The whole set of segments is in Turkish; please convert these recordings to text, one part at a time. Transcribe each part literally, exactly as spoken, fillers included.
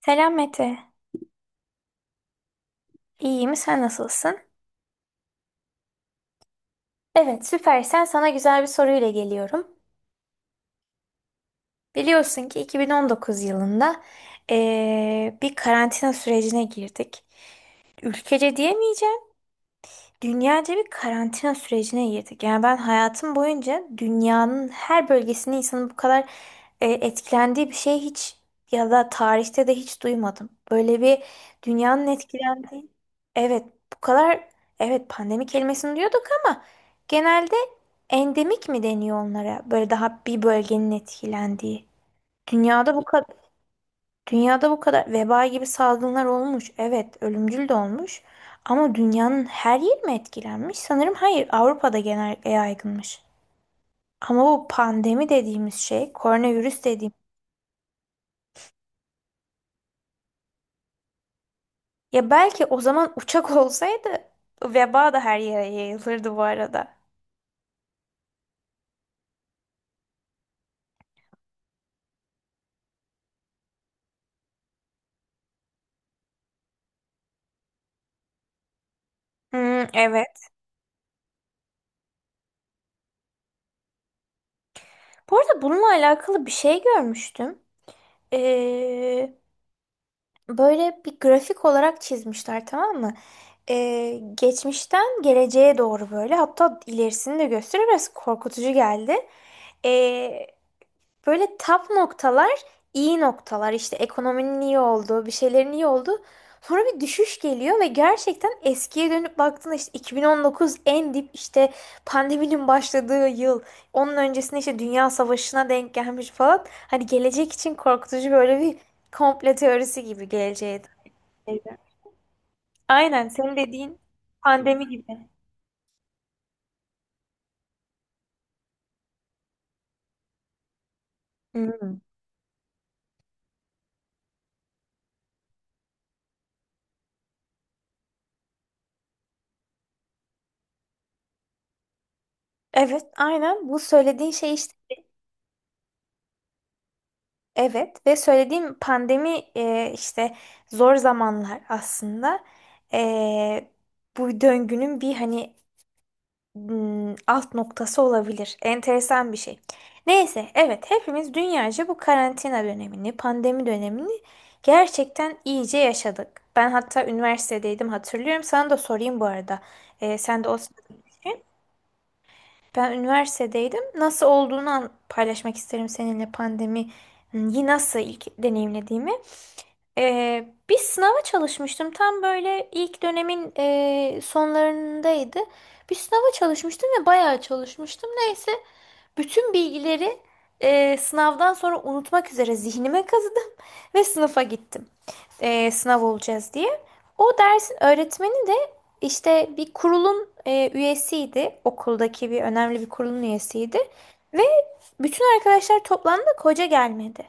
Selam Mete. İyiyim, sen nasılsın? Evet, süpersen sana güzel bir soruyla geliyorum. Biliyorsun ki iki bin on dokuz yılında eee, bir karantina sürecine girdik. Ülkece diyemeyeceğim. Dünyaca bir karantina sürecine girdik. Yani ben hayatım boyunca dünyanın her bölgesinde insanın bu kadar e, etkilendiği bir şey hiç ya da tarihte de hiç duymadım. Böyle bir dünyanın etkilendiği. Evet, bu kadar evet pandemi kelimesini diyorduk ama genelde endemik mi deniyor onlara? Böyle daha bir bölgenin etkilendiği. Dünyada bu kadar Dünyada bu kadar veba gibi salgınlar olmuş. Evet, ölümcül de olmuş. Ama dünyanın her yeri mi etkilenmiş? Sanırım hayır, Avrupa'da genellikle yaygınmış. Ama bu pandemi dediğimiz şey, koronavirüs dediğim. Ya belki o zaman uçak olsaydı veba da her yere yayılırdı bu arada. Hmm, evet. Bu arada bununla alakalı bir şey görmüştüm. Ee, Böyle bir grafik olarak çizmişler, tamam mı? Ee, geçmişten geleceğe doğru böyle, hatta ilerisini de gösteriyor, biraz korkutucu geldi. Böyle tap noktalar, iyi noktalar, işte ekonominin iyi olduğu, bir şeylerin iyi olduğu. Sonra bir düşüş geliyor ve gerçekten eskiye dönüp baktığında işte iki bin on dokuz en dip, işte pandeminin başladığı yıl. Onun öncesinde işte Dünya Savaşı'na denk gelmiş falan. Hani gelecek için korkutucu böyle bir komplo teorisi gibi geleceğe dair. Aynen senin dediğin pandemi gibi. Hı. Evet, aynen bu söylediğin şey işte. Evet ve söylediğim pandemi e, işte zor zamanlar aslında. E, Bu döngünün bir hani m, alt noktası olabilir. Enteresan bir şey. Neyse, evet, hepimiz dünyaca bu karantina dönemini, pandemi dönemini gerçekten iyice yaşadık. Ben hatta üniversitedeydim, hatırlıyorum. Sana da sorayım bu arada. E, sen de o, ben üniversitedeydim. Nasıl olduğunu an- paylaşmak isterim seninle pandemiyi nasıl ilk deneyimlediğimi. Ee, bir sınava çalışmıştım. Tam böyle ilk dönemin e, sonlarındaydı. Bir sınava çalışmıştım ve bayağı çalışmıştım. Neyse, bütün bilgileri e, sınavdan sonra unutmak üzere zihnime kazıdım ve sınıfa gittim. E, sınav olacağız diye. O dersin öğretmeni de işte bir kurulun e, üyesiydi. Okuldaki bir önemli bir kurulun üyesiydi. Ve bütün arkadaşlar toplandı, hoca gelmedi.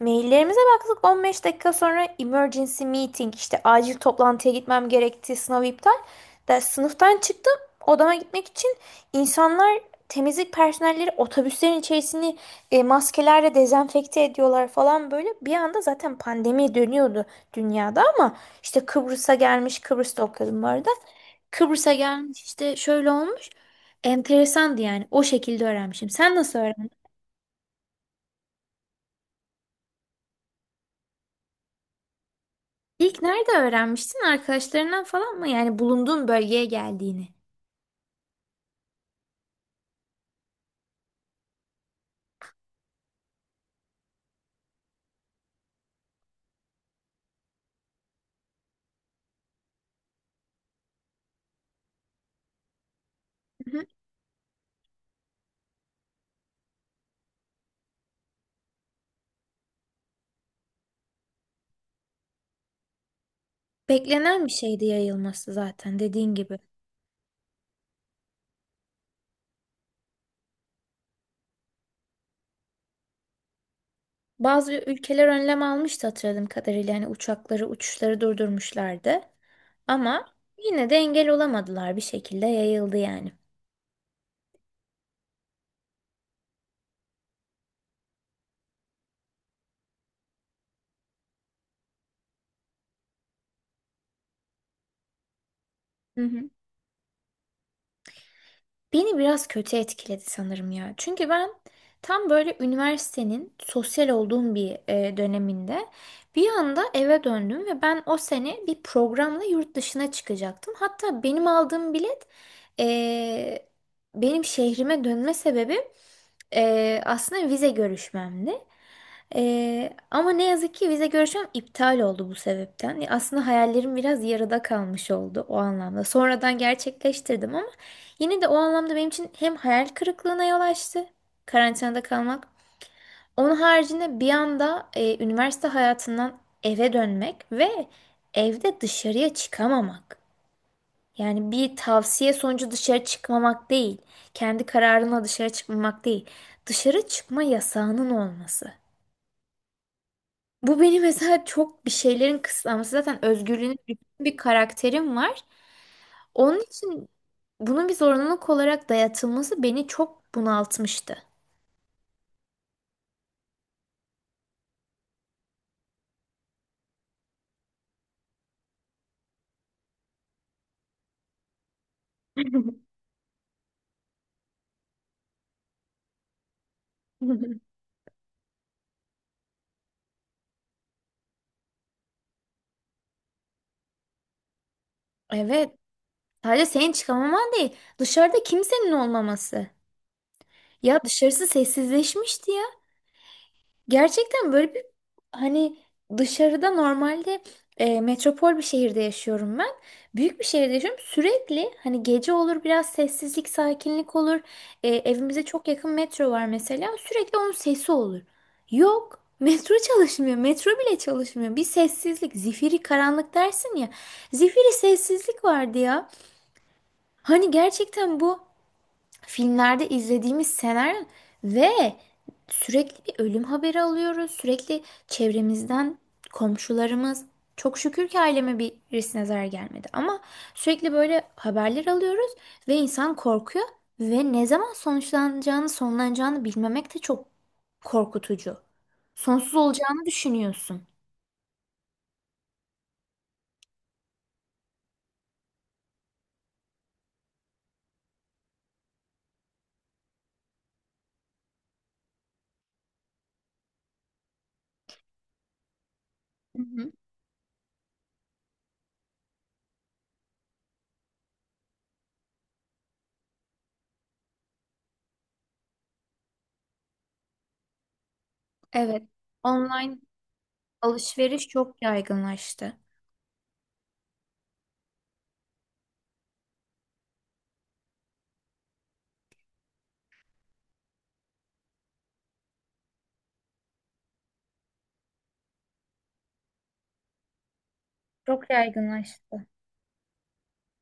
Maillerimize baktık, on beş dakika sonra emergency meeting, işte acil toplantıya gitmem gerekti, sınav iptal. Ders sınıftan çıktım, odama gitmek için, insanlar, temizlik personelleri otobüslerin içerisini e, maskelerle dezenfekte ediyorlar falan böyle. Bir anda zaten pandemi dönüyordu dünyada ama işte Kıbrıs'a gelmiş, Kıbrıs'ta okuyordum bu arada. Kıbrıs'a gelmiş, işte şöyle olmuş, enteresandı yani, o şekilde öğrenmişim. Sen nasıl İlk nerede öğrenmiştin? Arkadaşlarından falan mı? Yani bulunduğun bölgeye geldiğini. Hı hı. Beklenen bir şeydi yayılması zaten, dediğin gibi. Bazı ülkeler önlem almıştı hatırladığım kadarıyla. Yani uçakları, uçuşları durdurmuşlardı. Ama yine de engel olamadılar, bir şekilde yayıldı yani. Hı hı. Beni biraz kötü etkiledi sanırım ya. Çünkü ben tam böyle üniversitenin sosyal olduğum bir e, döneminde bir anda eve döndüm ve ben o sene bir programla yurt dışına çıkacaktım. Hatta benim aldığım bilet, e, benim şehrime dönme sebebi e, aslında vize görüşmemdi. E, ama ne yazık ki vize görüşmem iptal oldu bu sebepten. Aslında hayallerim biraz yarıda kalmış oldu o anlamda. Sonradan gerçekleştirdim ama yine de o anlamda benim için hem hayal kırıklığına yol açtı, karantinada kalmak. Onun haricinde bir anda e, üniversite hayatından eve dönmek ve evde dışarıya çıkamamak. Yani bir tavsiye sonucu dışarı çıkmamak değil, kendi kararına dışarı çıkmamak değil, dışarı çıkma yasağının olması. Bu beni mesela çok, bir şeylerin kısıtlaması. Zaten özgürlüğüne düşkün bir karakterim var. Onun için bunun bir zorunluluk olarak dayatılması beni çok bunaltmıştı. Evet. Sadece senin çıkamaman değil. Dışarıda kimsenin olmaması. Ya dışarısı sessizleşmişti ya. Gerçekten böyle bir, hani, dışarıda normalde, e, metropol bir şehirde yaşıyorum ben. Büyük bir şehirde yaşıyorum. Sürekli hani gece olur biraz sessizlik, sakinlik olur. E, evimize çok yakın metro var mesela. Sürekli onun sesi olur. Yok. Metro çalışmıyor. Metro bile çalışmıyor. Bir sessizlik. Zifiri karanlık dersin ya. Zifiri sessizlik vardı ya. Hani gerçekten bu filmlerde izlediğimiz senaryo ve sürekli bir ölüm haberi alıyoruz. Sürekli çevremizden, komşularımız. Çok şükür ki aileme, birisine zarar gelmedi. Ama sürekli böyle haberler alıyoruz ve insan korkuyor. Ve ne zaman sonuçlanacağını, sonlanacağını bilmemek de çok korkutucu. Sonsuz olacağını düşünüyorsun. Hı hı. Evet. Online alışveriş çok yaygınlaştı. Çok yaygınlaştı.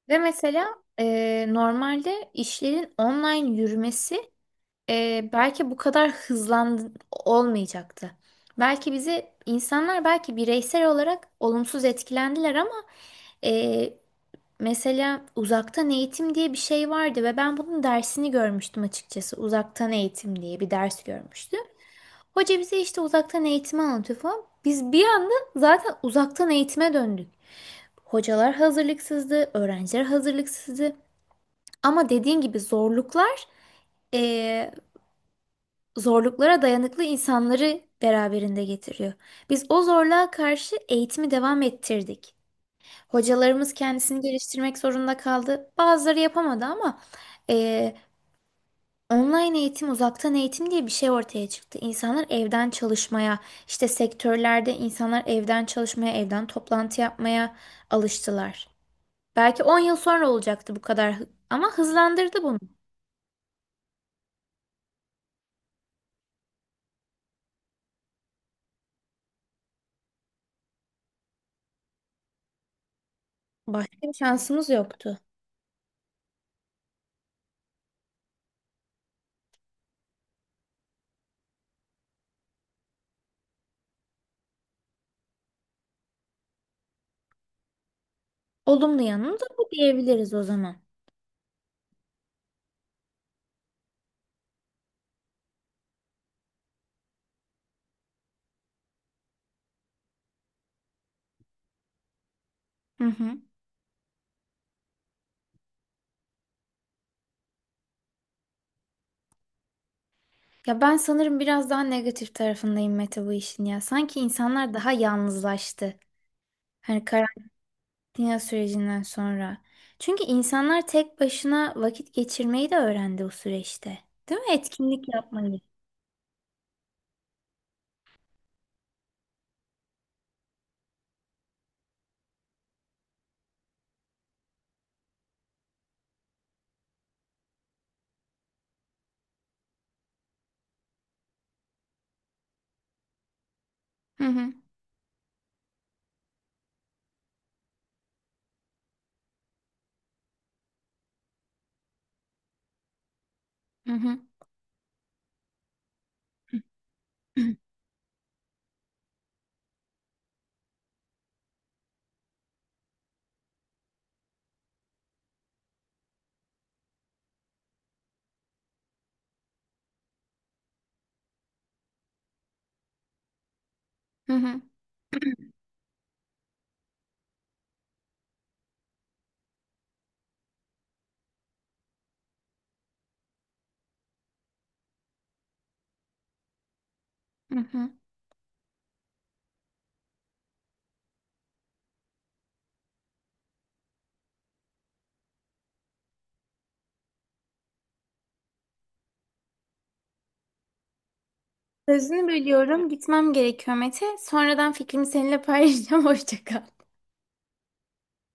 Ve mesela e, normalde işlerin online yürümesi e, belki bu kadar hızlandı olmayacaktı. Belki bizi insanlar belki bireysel olarak olumsuz etkilendiler ama, mesela uzaktan eğitim diye bir şey vardı ve ben bunun dersini görmüştüm açıkçası. Uzaktan eğitim diye bir ders görmüştüm. Hoca bize işte uzaktan eğitimi anlatıyor falan. Biz bir anda zaten uzaktan eğitime döndük. Hocalar hazırlıksızdı, öğrenciler hazırlıksızdı. Ama dediğin gibi zorluklar, eee, zorluklara dayanıklı insanları beraberinde getiriyor. Biz o zorluğa karşı eğitimi devam ettirdik. Hocalarımız kendisini geliştirmek zorunda kaldı. Bazıları yapamadı ama eee, online eğitim, uzaktan eğitim diye bir şey ortaya çıktı. İnsanlar evden çalışmaya, işte sektörlerde insanlar evden çalışmaya, evden toplantı yapmaya alıştılar. Belki on yıl sonra olacaktı bu kadar, hı- ama hızlandırdı bunu. Başka bir şansımız yoktu. Olumlu yanını da bu diyebiliriz o zaman. Hı hı. Ya ben sanırım biraz daha negatif tarafındayım Mete, bu işin ya. Sanki insanlar daha yalnızlaştı. Hani Dünya sürecinden sonra. Çünkü insanlar tek başına vakit geçirmeyi de öğrendi o süreçte. Değil mi? Etkinlik yapmayı. Hı hı. Hı hı. Hı hı. Hı hı. Sözünü bölüyorum. Gitmem gerekiyor Mete. Sonradan fikrimi seninle paylaşacağım. Hoşça kal.